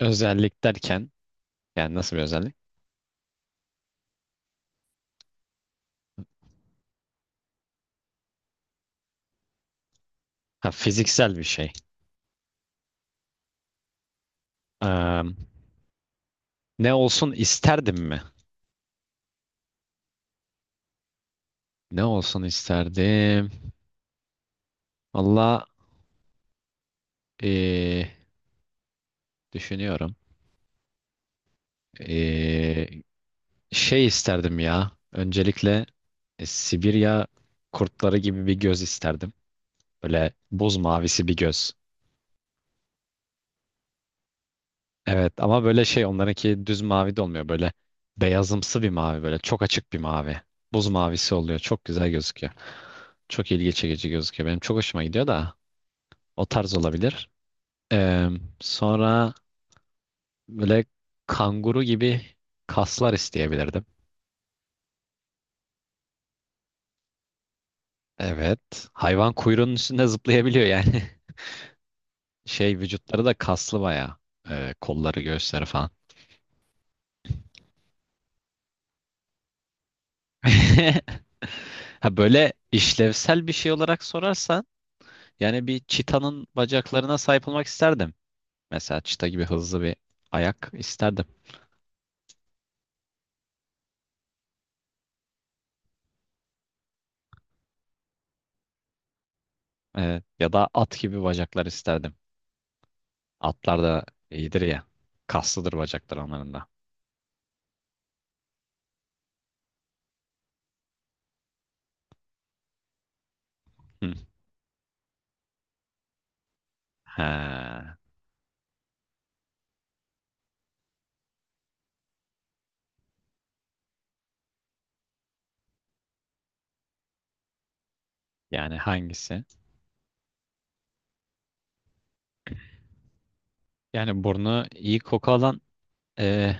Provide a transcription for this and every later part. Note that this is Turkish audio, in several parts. Özellik derken yani nasıl bir özellik? Ha, fiziksel bir şey. Eee, ne olsun isterdim mi? Ne olsun isterdim? Valla eee, düşünüyorum. Eee, şey isterdim ya. Öncelikle Sibirya kurtları gibi bir göz isterdim. Böyle buz mavisi bir göz. Evet ama böyle şey onlarınki düz mavi de olmuyor. Böyle beyazımsı bir mavi, böyle çok açık bir mavi. Buz mavisi oluyor. Çok güzel gözüküyor. Çok ilgi çekici gözüküyor. Benim çok hoşuma gidiyor da o tarz olabilir. Ee, sonra böyle kanguru gibi kaslar isteyebilirdim. Evet. Hayvan kuyruğunun üstünde zıplayabiliyor yani. Şey, vücutları da kaslı bayağı. Kolları, göğüsleri falan. Ha, böyle işlevsel bir şey olarak sorarsan yani bir çitanın bacaklarına sahip olmak isterdim. Mesela çita gibi hızlı bir ayak isterdim. Ya da at gibi bacaklar isterdim. Atlar da iyidir ya. Kaslıdır bacaklar onların da. Hı. He. Yani hangisi? Yani burnu iyi koku alan e,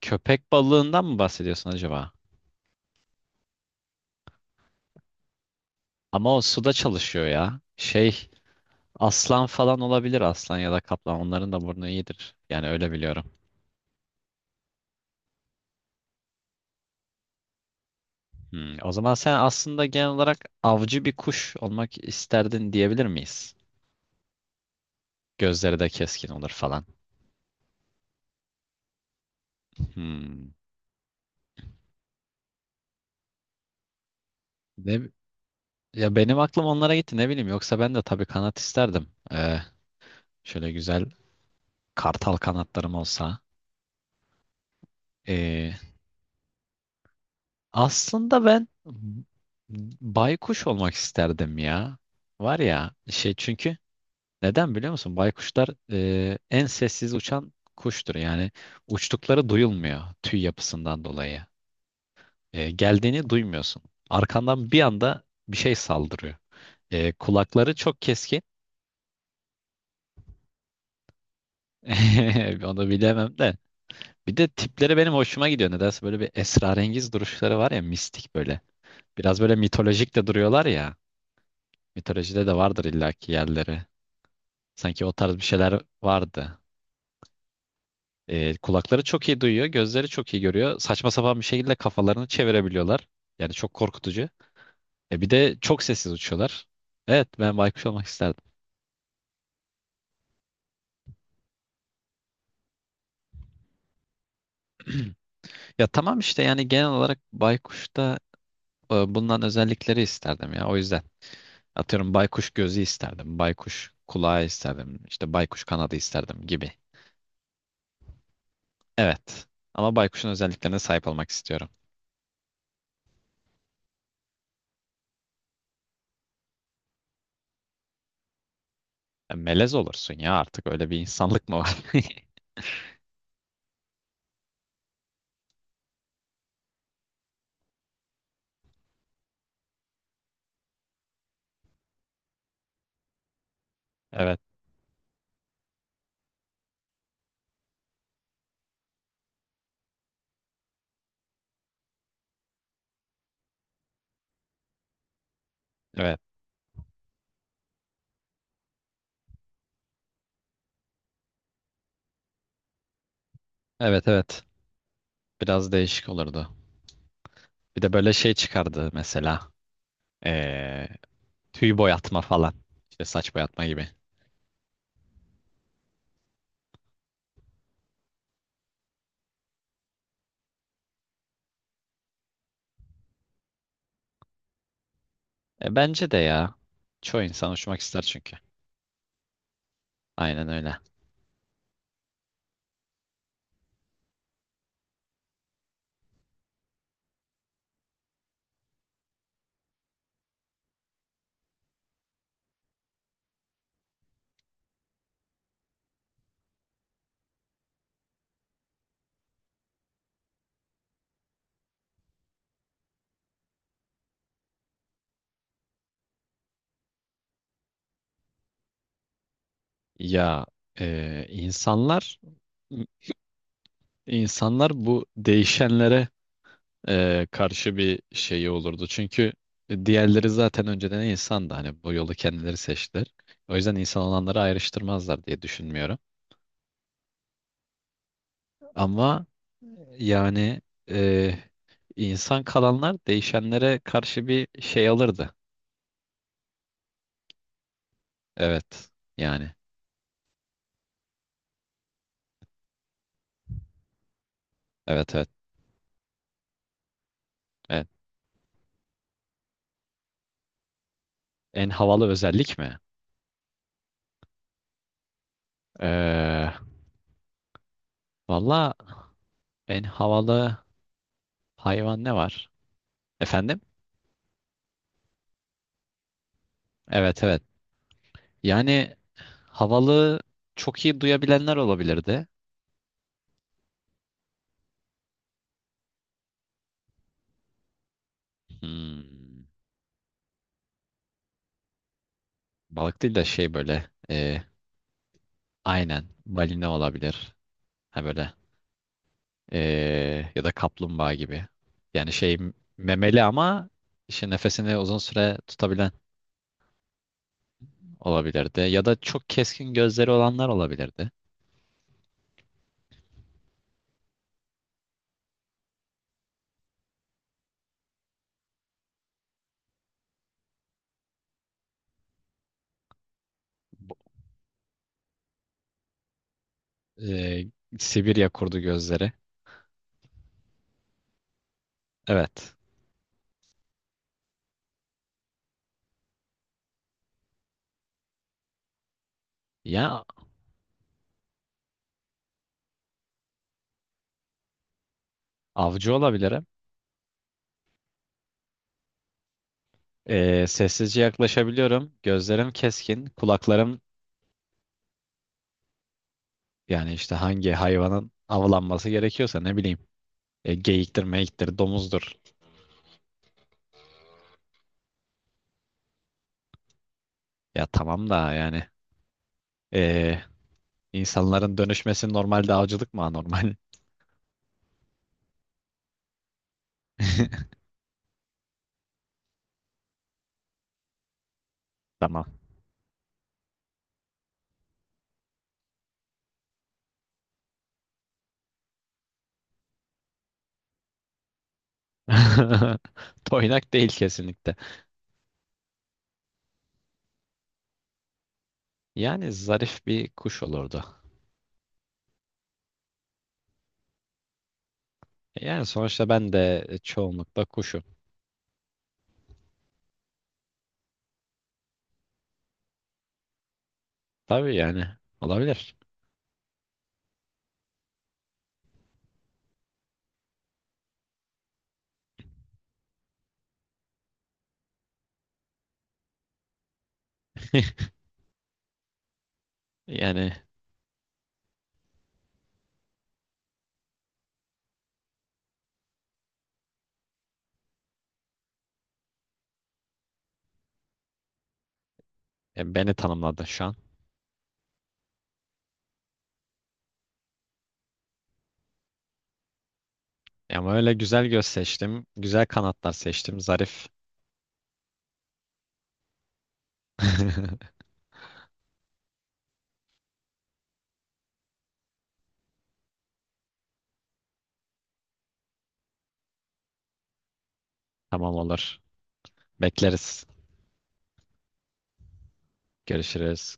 köpek balığından mı bahsediyorsun acaba? Ama o suda çalışıyor ya. Şey, aslan falan olabilir, aslan ya da kaplan. Onların da burnu iyidir. Yani öyle biliyorum. Hmm, o zaman sen aslında genel olarak avcı bir kuş olmak isterdin diyebilir miyiz? Gözleri de keskin olur falan. Hmm. Ne, ya benim aklım onlara gitti, ne bileyim. Yoksa ben de tabii kanat isterdim. Ee, şöyle güzel kartal kanatlarım olsa. Ee, aslında ben baykuş olmak isterdim ya. Var ya, şey, çünkü neden biliyor musun? Baykuşlar en sessiz uçan kuştur. Yani uçtukları duyulmuyor tüy yapısından dolayı. Geldiğini duymuyorsun. Arkandan bir anda bir şey saldırıyor. Kulakları çok keskin. Onu bilemem de. Bir de tipleri benim hoşuma gidiyor. Nedense böyle bir esrarengiz duruşları var ya, mistik böyle. Biraz böyle mitolojik de duruyorlar ya. Mitolojide de vardır illaki yerleri. Sanki o tarz bir şeyler vardı. Kulakları çok iyi duyuyor, gözleri çok iyi görüyor. Saçma sapan bir şekilde kafalarını çevirebiliyorlar. Yani çok korkutucu. Bir de çok sessiz uçuyorlar. Evet, ben baykuş olmak isterdim. Ya tamam işte, yani genel olarak baykuşta bulunan özellikleri isterdim ya. O yüzden atıyorum baykuş gözü isterdim, baykuş kulağı isterdim, işte baykuş kanadı isterdim gibi. Evet. Ama baykuşun özelliklerine sahip olmak istiyorum. Melez olursun ya, artık öyle bir insanlık mı var? Evet, evet. Evet, evet. Biraz değişik olurdu. Bir de böyle şey çıkardı mesela. E, tüy boyatma falan. İşte saç boyatma gibi. Bence de ya. Çoğu insan uçmak ister çünkü. Aynen öyle. Ya, e, insanlar bu değişenlere karşı bir şeyi olurdu. Çünkü diğerleri zaten önceden insandı. Hani bu yolu kendileri seçtiler. O yüzden insan olanları ayrıştırmazlar diye düşünmüyorum. Ama yani e, İnsan kalanlar değişenlere karşı bir şey alırdı. Evet. Yani. Evet, evet. Evet. En havalı özellik mi? Ee, valla en havalı hayvan ne var? Efendim? Evet, evet. Yani havalı, çok iyi duyabilenler olabilirdi. Hmm. Balık değil de şey böyle. Aynen. Balina olabilir. Ha böyle. Ya da kaplumbağa gibi. Yani şey, memeli ama işte nefesini uzun süre tutabilen olabilirdi. Ya da çok keskin gözleri olanlar olabilirdi. Bu- Ee, Sibirya kurdu gözleri. Evet. Ya, avcı olabilirim. Sessizce yaklaşabiliyorum. Gözlerim keskin. Kulaklarım, yani işte hangi hayvanın avlanması gerekiyorsa, ne bileyim. Geyiktir, meyiktir, domuzdur. Ya tamam da yani. ee, insanların dönüşmesi normalde, avcılık mı anormal? Tamam. Toynak değil kesinlikle. Yani zarif bir kuş olurdu. Yani sonuçta ben de çoğunlukla kuşum. Tabii yani olabilir. Yani beni tanımladı şu an. Ama öyle güzel göz seçtim. Güzel kanatlar seçtim. Zarif. Tamam, olur. Bekleriz. Görüşürüz.